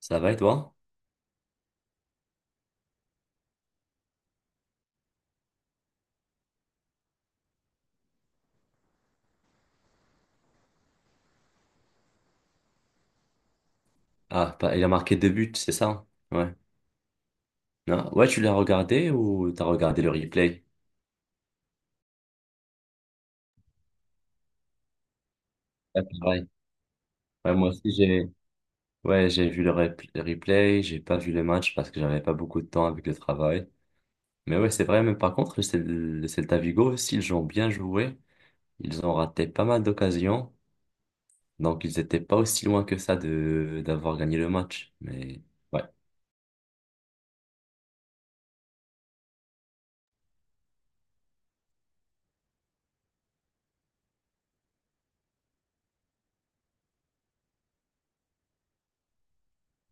Ça va et toi? Ah, il a marqué deux buts, c'est ça, hein? Ouais. Non. Ouais, tu l'as regardé ou t'as regardé le replay? Ouais, pareil. Ouais, moi aussi, j'ai ouais, j'ai vu le replay, j'ai pas vu le match parce que j'avais pas beaucoup de temps avec le travail. Mais ouais, c'est vrai, mais par contre, le Celta Vigo aussi, ils ont bien joué. Ils ont raté pas mal d'occasions. Donc, ils étaient pas aussi loin que ça de d'avoir gagné le match. Mais ouais.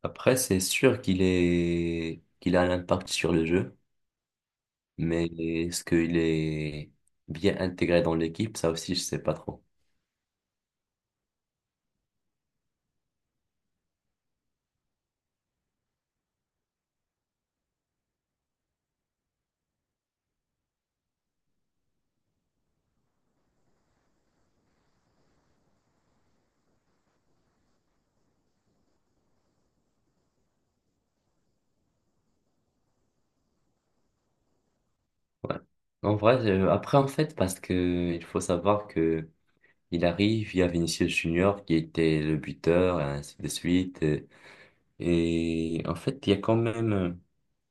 Après, c'est sûr qu'il a un impact sur le jeu. Mais est-ce qu'il est bien intégré dans l'équipe? Ça aussi, je sais pas trop. Ouais. En vrai, après, en fait, parce que il faut savoir que il arrive, il y a Vinicius Junior qui était le buteur, et ainsi de suite. Et, en fait, il y a quand même.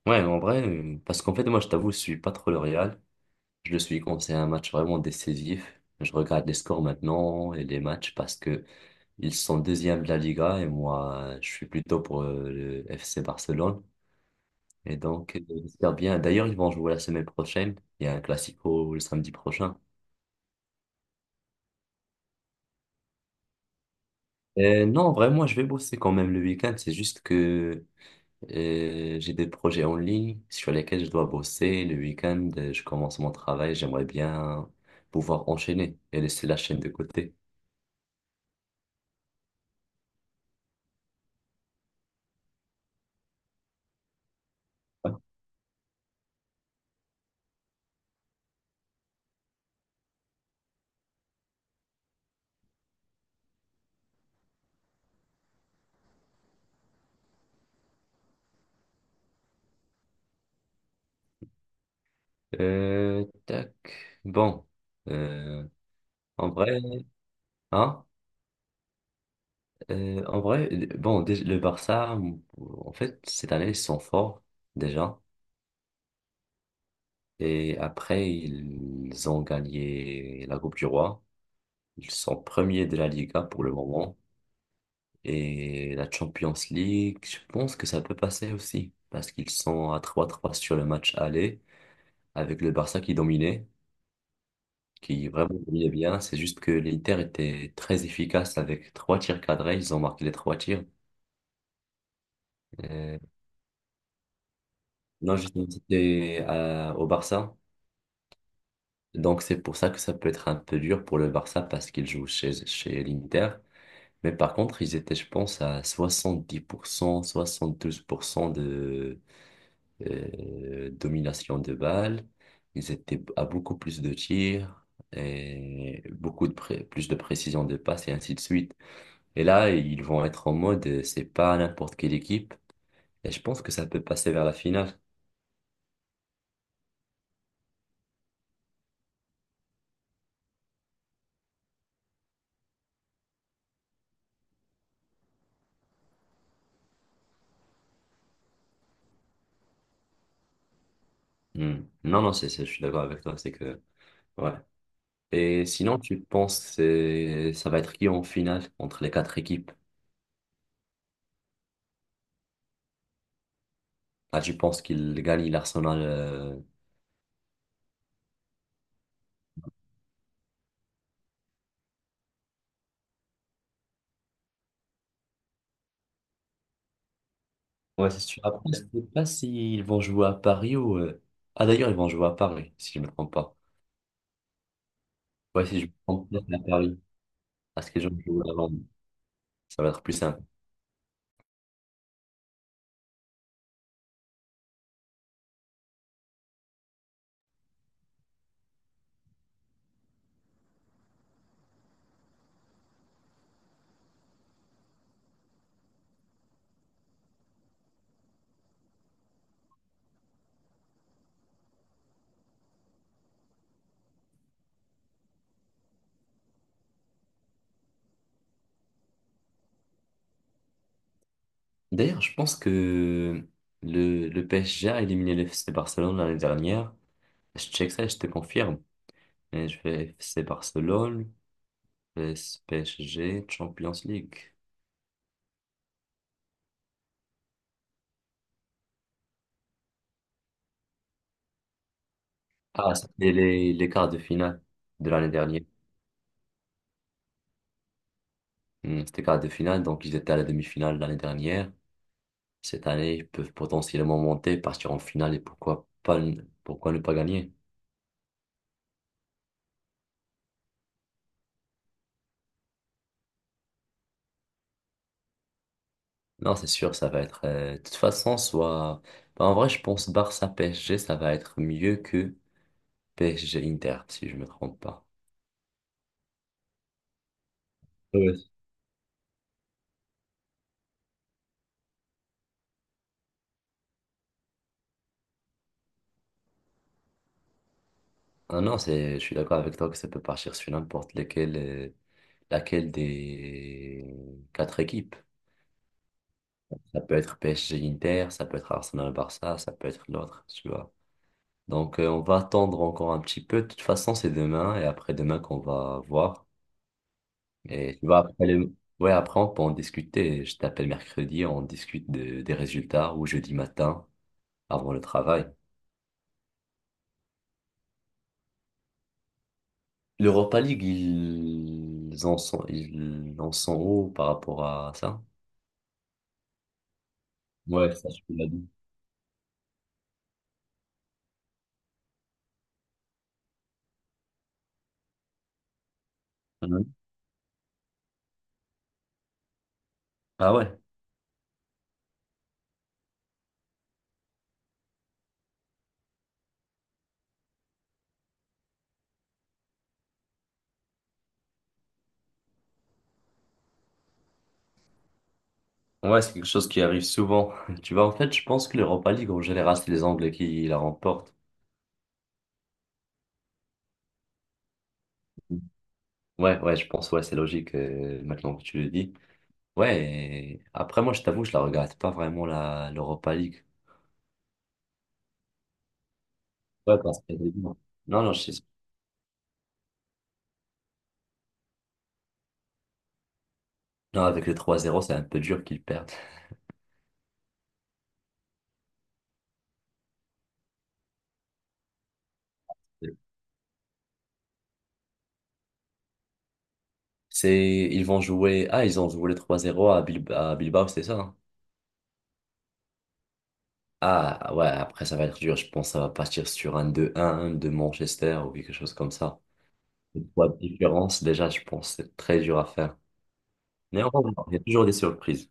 Ouais, en vrai, parce qu'en fait, moi, je t'avoue, je suis pas trop le Real. Je le suis quand c'est un match vraiment décisif. Je regarde les scores maintenant et les matchs parce que ils sont deuxième de la Liga et moi, je suis plutôt pour le FC Barcelone. Et donc, j'espère bien. D'ailleurs, ils vont jouer la semaine prochaine. Il y a un classico le samedi prochain. Non, vraiment, je vais bosser quand même le week-end. C'est juste que j'ai des projets en ligne sur lesquels je dois bosser. Le week-end, je commence mon travail. J'aimerais bien pouvoir enchaîner et laisser la chaîne de côté. Tac. Bon. Euh, En vrai, hein? En vrai, bon, le Barça, en fait, cette année, ils sont forts déjà. Et après, ils ont gagné la Coupe du Roi. Ils sont premiers de la Liga pour le moment. Et la Champions League, je pense que ça peut passer aussi. Parce qu'ils sont à 3-3 sur le match aller, avec le Barça qui dominait, qui vraiment dominait bien. C'est juste que l'Inter était très efficace avec trois tirs cadrés. Ils ont marqué les trois tirs. Euh, non, justement, c'était au Barça. Donc c'est pour ça que ça peut être un peu dur pour le Barça parce qu'il joue chez l'Inter. Mais par contre, ils étaient, je pense, à soixante 70% 72% de domination de balles. Ils étaient à beaucoup plus de tirs et beaucoup de plus de précision de passe et ainsi de suite. Et là, ils vont être en mode, c'est pas n'importe quelle équipe. Et je pense que ça peut passer vers la finale. Hmm. Non, non, je suis d'accord avec toi. C'est que, ouais. Et sinon, tu penses, ça va être qui en finale entre les quatre équipes? Ah, tu penses qu'il gagne l'Arsenal? Ouais, c'est sûr. Après, je sais pas s'ils vont jouer à Paris ou. Ah, d'ailleurs, ils vont jouer à Paris, si je me trompe pas. Ouais, si je me trompe pas, c'est à Paris. Parce que je joue à Londres. Ça va être plus simple. D'ailleurs, je pense que le PSG a éliminé le FC Barcelone l'année dernière. Je check ça et je te confirme. Et je fais FC Barcelone, PS PSG, Champions League. Ah, c'était les quarts de finale de l'année dernière. Hmm, c'était quarts de finale, donc ils étaient à la demi-finale l'année dernière. Cette année, ils peuvent potentiellement monter, partir en finale et pourquoi pas, pourquoi ne pas gagner? Non, c'est sûr, ça va être. De toute façon, soit. Bah, en vrai, je pense Barça PSG, ça va être mieux que PSG Inter, si je me trompe pas. Ouais. Ah non, je suis d'accord avec toi que ça peut partir sur n'importe lequel, laquelle des quatre équipes. Ça peut être PSG Inter, ça peut être Arsenal Barça, ça peut être l'autre, tu vois. Donc, on va attendre encore un petit peu. De toute façon, c'est demain et après-demain qu'on va voir. Et tu vois, après ouais, après, on peut en discuter. Je t'appelle mercredi, on discute des résultats ou jeudi matin avant le travail. L'Europa League, ils en sont où par rapport à ça? Ouais, ça, je te l'ai dit. Mhm. Ah ouais, ouais, c'est quelque chose qui arrive souvent. Tu vois, en fait, je pense que l'Europa League, en général, c'est les Anglais qui la remportent. Ouais, ouais, je pense, ouais, c'est logique maintenant que tu le dis. Ouais, et après moi je t'avoue, je la regarde pas vraiment la l'Europa League. Ouais, parce que. Non, non, non, avec le 3-0 c'est un peu dur qu'ils perdent. C'est Ils vont jouer ah ils ont joué le 3-0 à Bilbao, c'est ça, hein? Ah ouais, après ça va être dur, je pense que ça va partir sur un 2-1 de Manchester ou quelque chose comme ça. Une fois de différence déjà, je pense que c'est très dur à faire. Mais néanmoins, il y a toujours des surprises.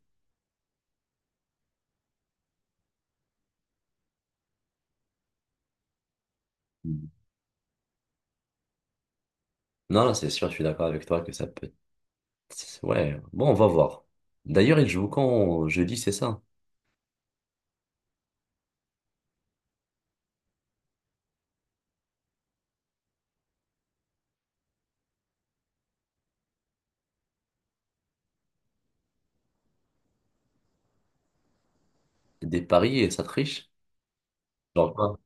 Mhm. Non, non, c'est sûr, je suis d'accord avec toi que ça peut ouais, bon, on va voir. D'ailleurs, il joue quand jeudi, c'est ça? Des paris et ça triche? Genre quoi?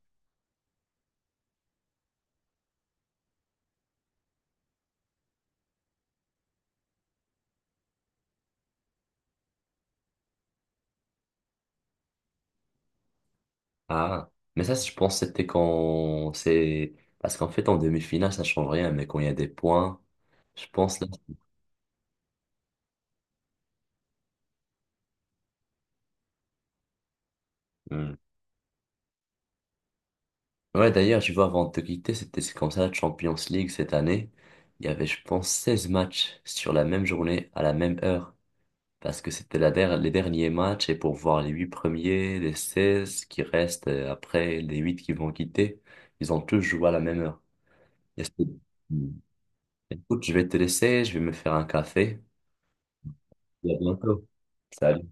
Ah, mais ça, je pense que c'était quand c'est. Parce qu'en fait, en demi-finale, ça change rien, mais quand il y a des points, je pense là. Hmm. Ouais, d'ailleurs, je vois avant de te quitter, c'est comme ça la Champions League cette année. Il y avait, je pense, 16 matchs sur la même journée, à la même heure. Parce que c'était les derniers matchs et pour voir les huit premiers, les 16 qui restent après, les huit qui vont quitter, ils ont tous joué à la même heure. Et c'est- Mm. Écoute, je vais te laisser, je vais me faire un café. Et à bientôt. Salut.